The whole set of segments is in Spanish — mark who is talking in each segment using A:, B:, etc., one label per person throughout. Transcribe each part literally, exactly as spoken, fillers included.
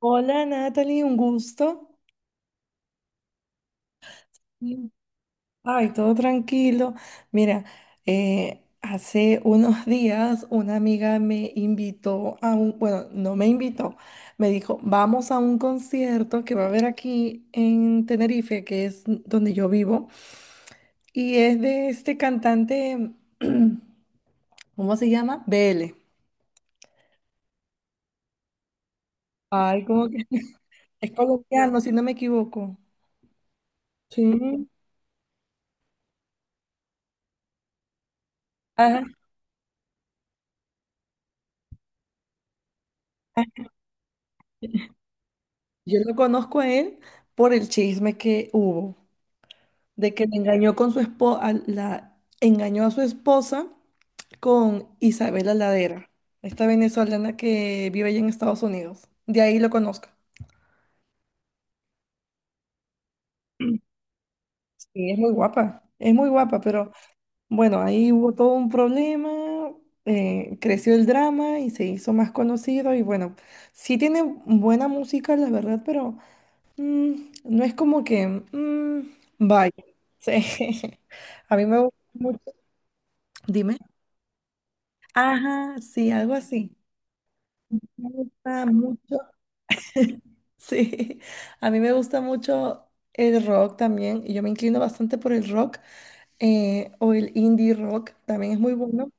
A: Hola Natalie, un gusto. Mm. Ay, todo tranquilo. Mira, eh, hace unos días una amiga me invitó a un, bueno, no me invitó, me dijo, vamos a un concierto que va a haber aquí en Tenerife, que es donde yo vivo, y es de este cantante, ¿cómo se llama? B L. Ay, como que es colombiano, si no me equivoco. Sí. Ajá. Yo lo conozco a él por el chisme que hubo, de que le engañó con su esposa, la engañó a su esposa con Isabela Ladera, esta venezolana que vive allá en Estados Unidos. De ahí lo conozco. Sí, es muy guapa, es muy guapa, pero bueno, ahí hubo todo un problema, eh, creció el drama y se hizo más conocido y bueno, sí tiene buena música, la verdad, pero Mm, no es como que, mm, vaya, sí. A mí me gusta mucho. Dime. Ajá, sí, algo así. Me gusta mucho. Sí, a mí me gusta mucho el rock también y yo me inclino bastante por el rock eh, o el indie rock, también es muy bueno.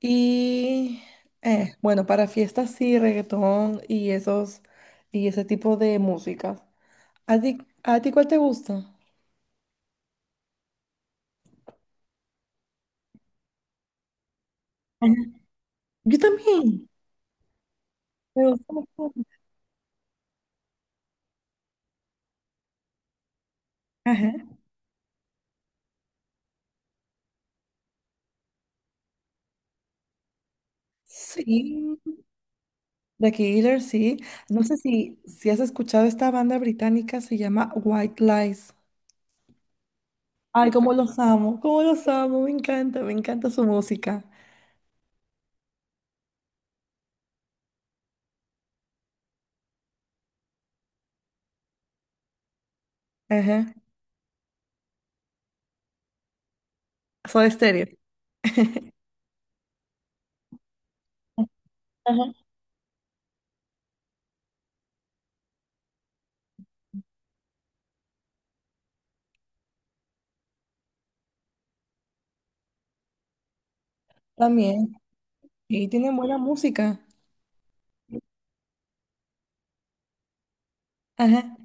A: Y eh, bueno, para fiestas sí, reggaetón y esos y ese tipo de música. ¿A ti, a ti cuál te gusta? Ajá. Yo también. Me gusta mucho. Ajá. Sí, The Killer, sí. No sé si, si has escuchado esta banda británica, se llama White Lies. Ay, cómo los amo, cómo los amo, me encanta, me encanta su música. Ajá. Soy estéreo. Ajá. También. Y tienen buena música. Ajá.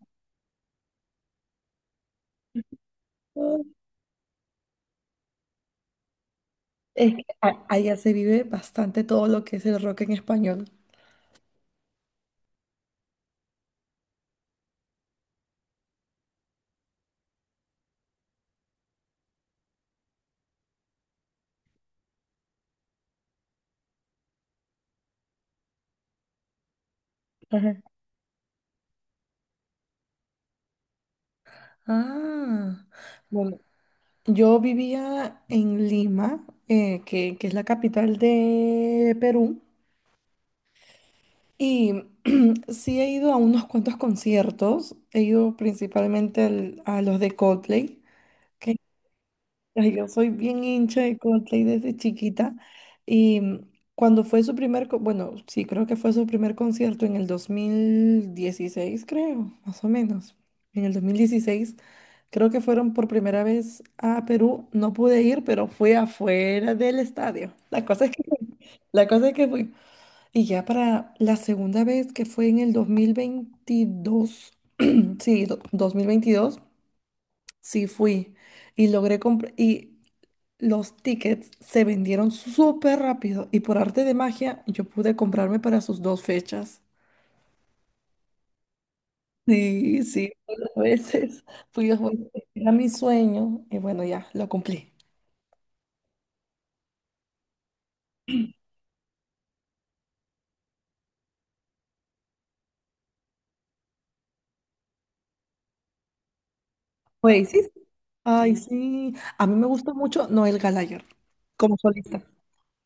A: Es que a- allá se vive bastante todo lo que es el rock en español. Ajá. Ah, bueno, yo vivía en Lima, eh, que, que es la capital de Perú, y sí he ido a unos cuantos conciertos. He ido principalmente al- a los de Coldplay, que ay, yo soy bien hincha de Coldplay desde chiquita. Y mm, cuando fue su primer, co- bueno, sí, creo que fue su primer concierto en el dos mil dieciséis creo, más o menos. En el dos mil dieciséis. Creo que fueron por primera vez a Perú. No pude ir, pero fui afuera del estadio. La cosa es que, la cosa es que fui. Y ya para la segunda vez, que fue en el dos mil veintidós, sí, do- dos mil veintidós, sí fui. Y logré comprar. Y los tickets se vendieron súper rápido. Y por arte de magia, yo pude comprarme para sus dos fechas. Sí, sí, fui dos veces. Fui dos veces. Era mi sueño. Y bueno, ya, lo cumplí. Güey, sí. Ay, sí. Sí. A mí me gusta mucho Noel Gallagher como solista.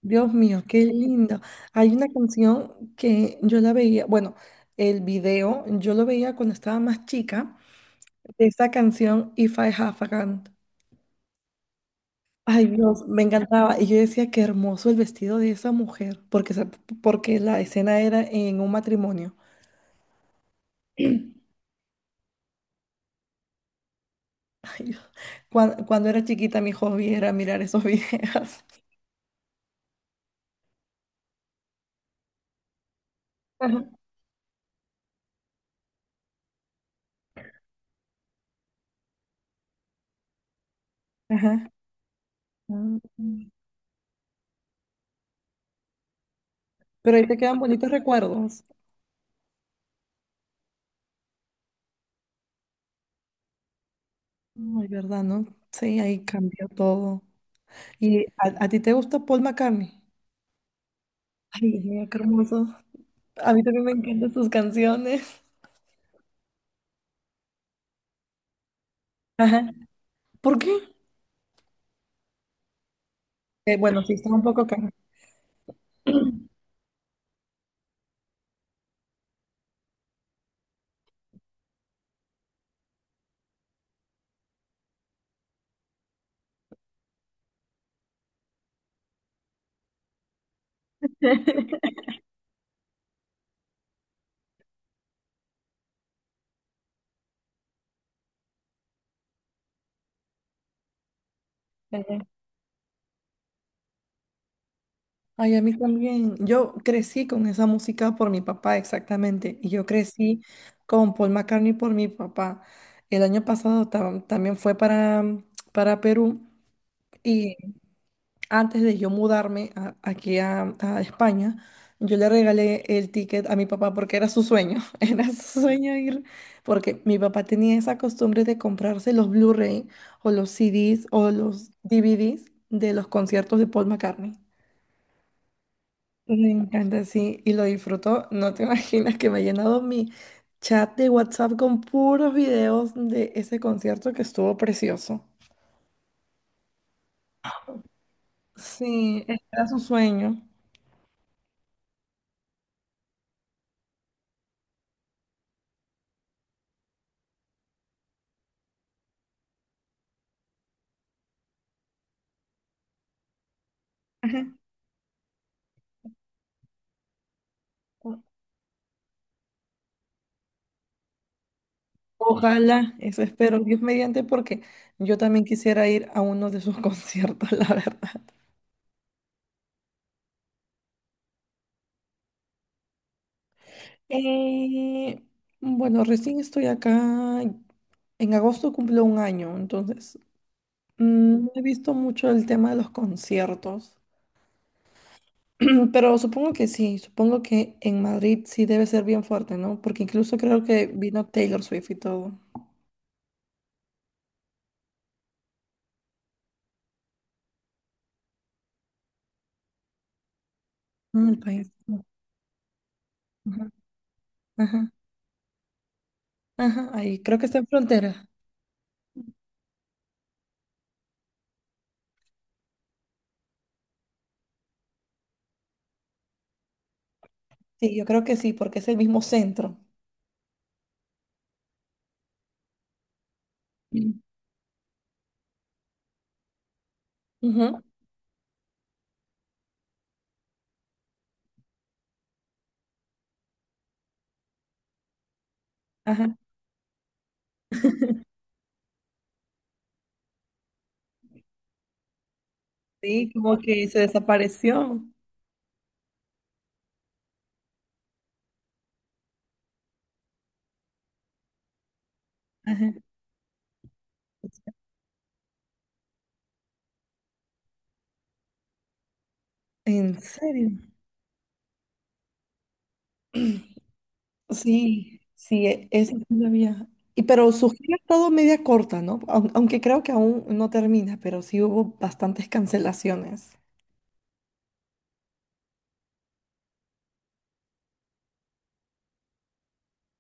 A: Dios mío, qué lindo. Hay una canción que yo la veía, bueno, el video, yo lo veía cuando estaba más chica, de esa canción If I Have a Gun. Ay, Dios, me encantaba. Y yo decía, qué hermoso el vestido de esa mujer, porque, se- porque la escena era en un matrimonio. Ay, Dios. Cuan- Cuando, era chiquita, mi hobby era mirar esos videos. Ajá. Ajá. Mm. Pero ahí te quedan bonitos recuerdos. Ay, ¿verdad, no? Sí, ahí cambió todo. ¿Y a, a ti te gusta Paul McCartney? Ay, mira, qué hermoso. A mí también me encantan sus canciones. Ajá. ¿Por qué? Eh, bueno, sí, está un poco caro. Ajá. Ay, a mí también. Yo crecí con esa música por mi papá, exactamente. Y yo crecí con Paul McCartney por mi papá. El año pasado tam- también fue para, para, Perú. Antes de yo mudarme a- aquí a, a España, yo le regalé el ticket a mi papá porque era su sueño, era su sueño ir, porque mi papá tenía esa costumbre de comprarse los Blu-ray o los C Ds o los D V Ds de los conciertos de Paul McCartney. Me encanta, sí, y lo disfrutó. No te imaginas que me ha llenado mi chat de WhatsApp con puros videos de ese concierto que estuvo precioso. Sí, era su sueño. Ajá. Ojalá, eso espero, Dios mediante, porque yo también quisiera ir a uno de sus conciertos, la verdad. Eh, bueno, recién estoy acá. En agosto cumplo un año, entonces mm, no he visto mucho el tema de los conciertos. Pero supongo que sí, supongo que en Madrid sí debe ser bien fuerte, ¿no? Porque incluso creo que vino Taylor Swift y todo. Mm, el país. Ajá, ajá, ajá, ahí creo que está en frontera. Sí, yo creo que sí, porque es el mismo centro. Ujú, ajá. Sí, como que se desapareció. Ajá. ¿En serio? Sí, sí, e- eso sí lo había. Y pero su gira es todo media corta, ¿no? Aun- Aunque creo que aún no termina, pero sí hubo bastantes cancelaciones.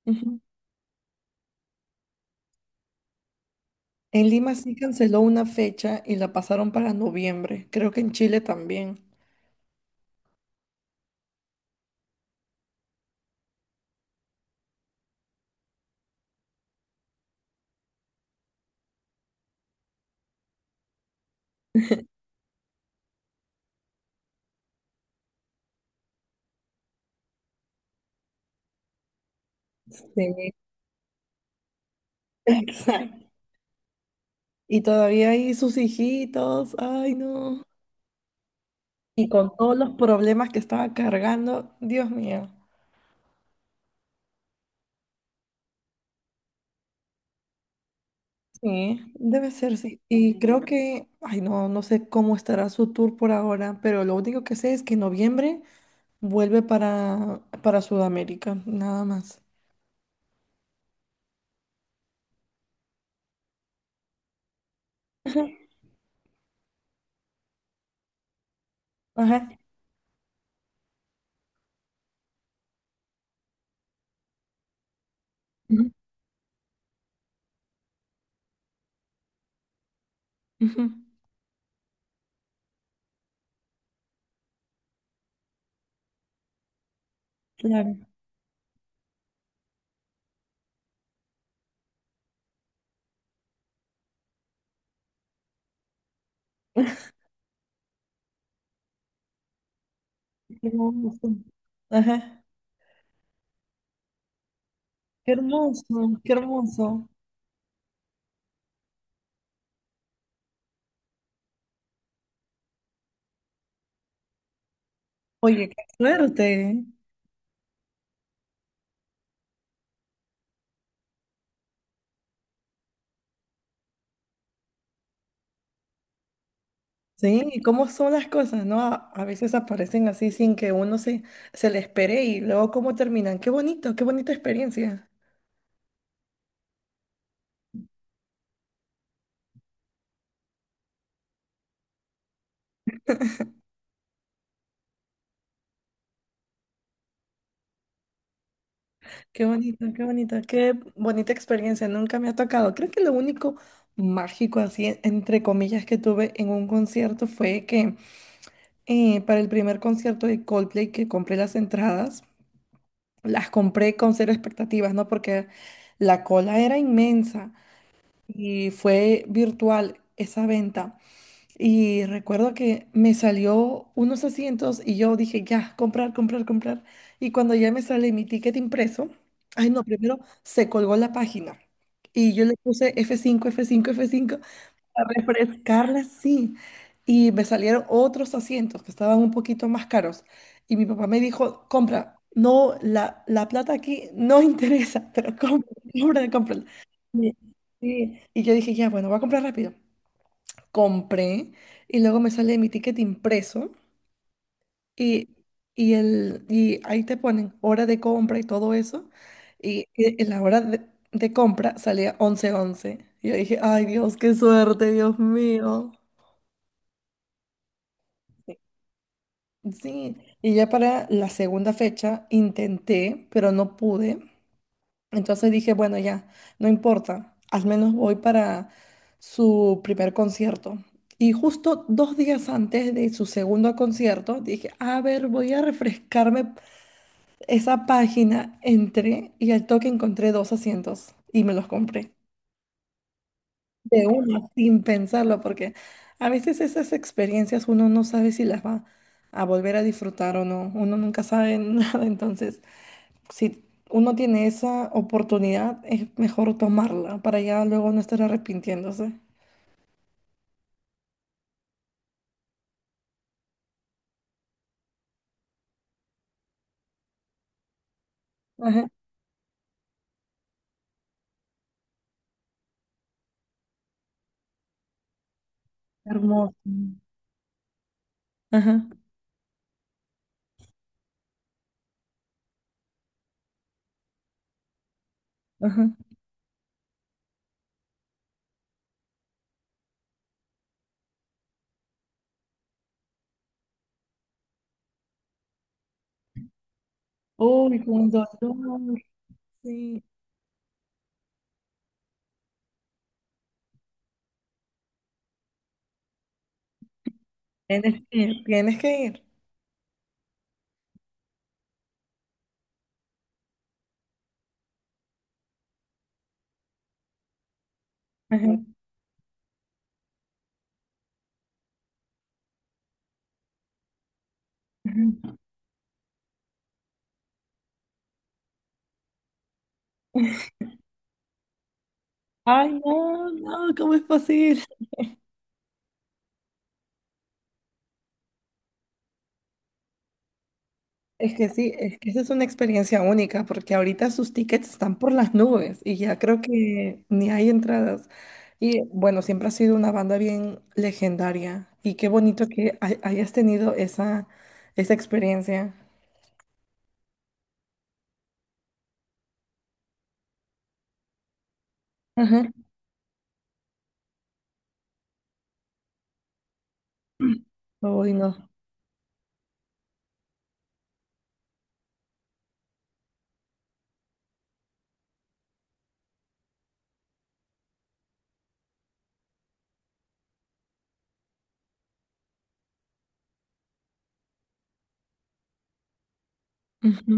A: Ujú. En Lima sí canceló una fecha y la pasaron para noviembre. Creo que en Chile también. Sí, exacto. Y todavía ahí sus hijitos, ay no. Y con todos los problemas que estaba cargando, Dios mío. Sí, debe ser, sí. Y creo que, ay, no, no sé cómo estará su tour por ahora, pero lo único que sé es que en noviembre vuelve para, para Sudamérica, nada más. Ajá, ajá, ujú, ujú, claro. Qué hermoso. Ajá, qué hermoso, qué hermoso. Oye, qué suerte. Sí, ¿y cómo son las cosas, no? A, a veces aparecen así sin que uno se, se le espere y luego cómo terminan. Qué bonito, qué bonita experiencia. Qué bonito, qué bonito, qué bonita experiencia. Nunca me ha tocado. Creo que lo único mágico, así, en- entre comillas, que tuve en un concierto fue que eh, para el primer concierto de Coldplay que compré las entradas, las compré con cero expectativas, ¿no? Porque la cola era inmensa y fue virtual esa venta. Y recuerdo que me salió unos asientos y yo dije, ya, comprar, comprar, comprar. Y cuando ya me sale mi ticket impreso, ay no, primero se colgó la página. Y yo le puse f cinco f cinco f cinco a refrescarla, sí. Y me salieron otros asientos que estaban un poquito más caros. Y mi papá me dijo, compra, no, la, la plata aquí no interesa, pero compra, compra, compra. Y, y- y yo dije, ya, bueno, voy a comprar rápido compré y luego me sale mi ticket impreso y, y, el, y ahí te ponen hora de compra y todo eso. Y, y- y la hora de, de compra salía once once. Y yo dije, ay Dios, qué suerte, Dios mío. Sí, y ya para la segunda fecha intenté, pero no pude. Entonces dije, bueno, ya, no importa, al menos voy para su primer concierto. Y justo dos días antes de su segundo concierto, dije, a ver, voy a refrescarme esa página. Entré y al toque encontré dos asientos y me los compré. De una, sin pensarlo, porque a veces esas experiencias uno no sabe si las va a volver a disfrutar o no. Uno nunca sabe nada, entonces si uno tiene esa oportunidad, es mejor tomarla para ya luego no estar arrepintiéndose. Ajá. Hermoso. Ajá, ajá. Uy, con dolor, sí. Tienes que ir, tienes que ir. Ajá, ajá. Ay, no, no, ¿cómo es posible? Es que sí, es que esa es una experiencia única, porque ahorita sus tickets están por las nubes y ya creo que ni hay entradas. Y bueno, siempre ha sido una banda bien legendaria y qué bonito que hay- hayas tenido esa, esa experiencia. Ajá. Uy, no. Ujú.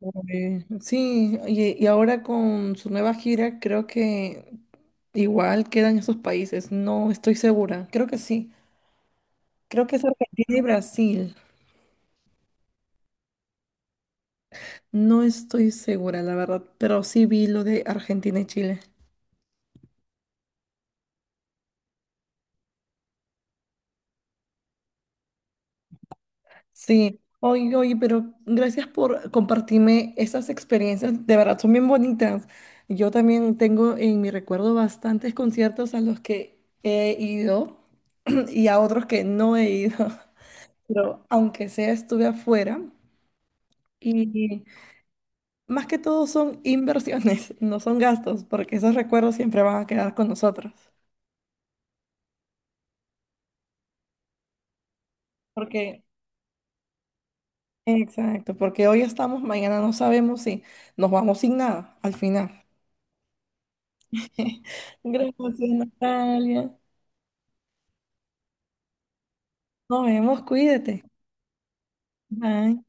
A: Uy, sí, y, y ahora con su nueva gira creo que igual quedan esos países, no estoy segura, creo que sí, creo que es Argentina y Brasil. No estoy segura, la verdad, pero sí vi lo de Argentina y Chile. Sí, oye, oye, pero gracias por compartirme esas experiencias, de verdad son bien bonitas. Yo también tengo en mi recuerdo bastantes conciertos a los que he ido y a otros que no he ido, pero aunque sea estuve afuera y más que todo son inversiones, no son gastos, porque esos recuerdos siempre van a quedar con nosotros. Porque Exacto, porque hoy estamos, mañana no sabemos si nos vamos sin nada al final. Gracias, Natalia. Nos vemos, cuídate. Bye.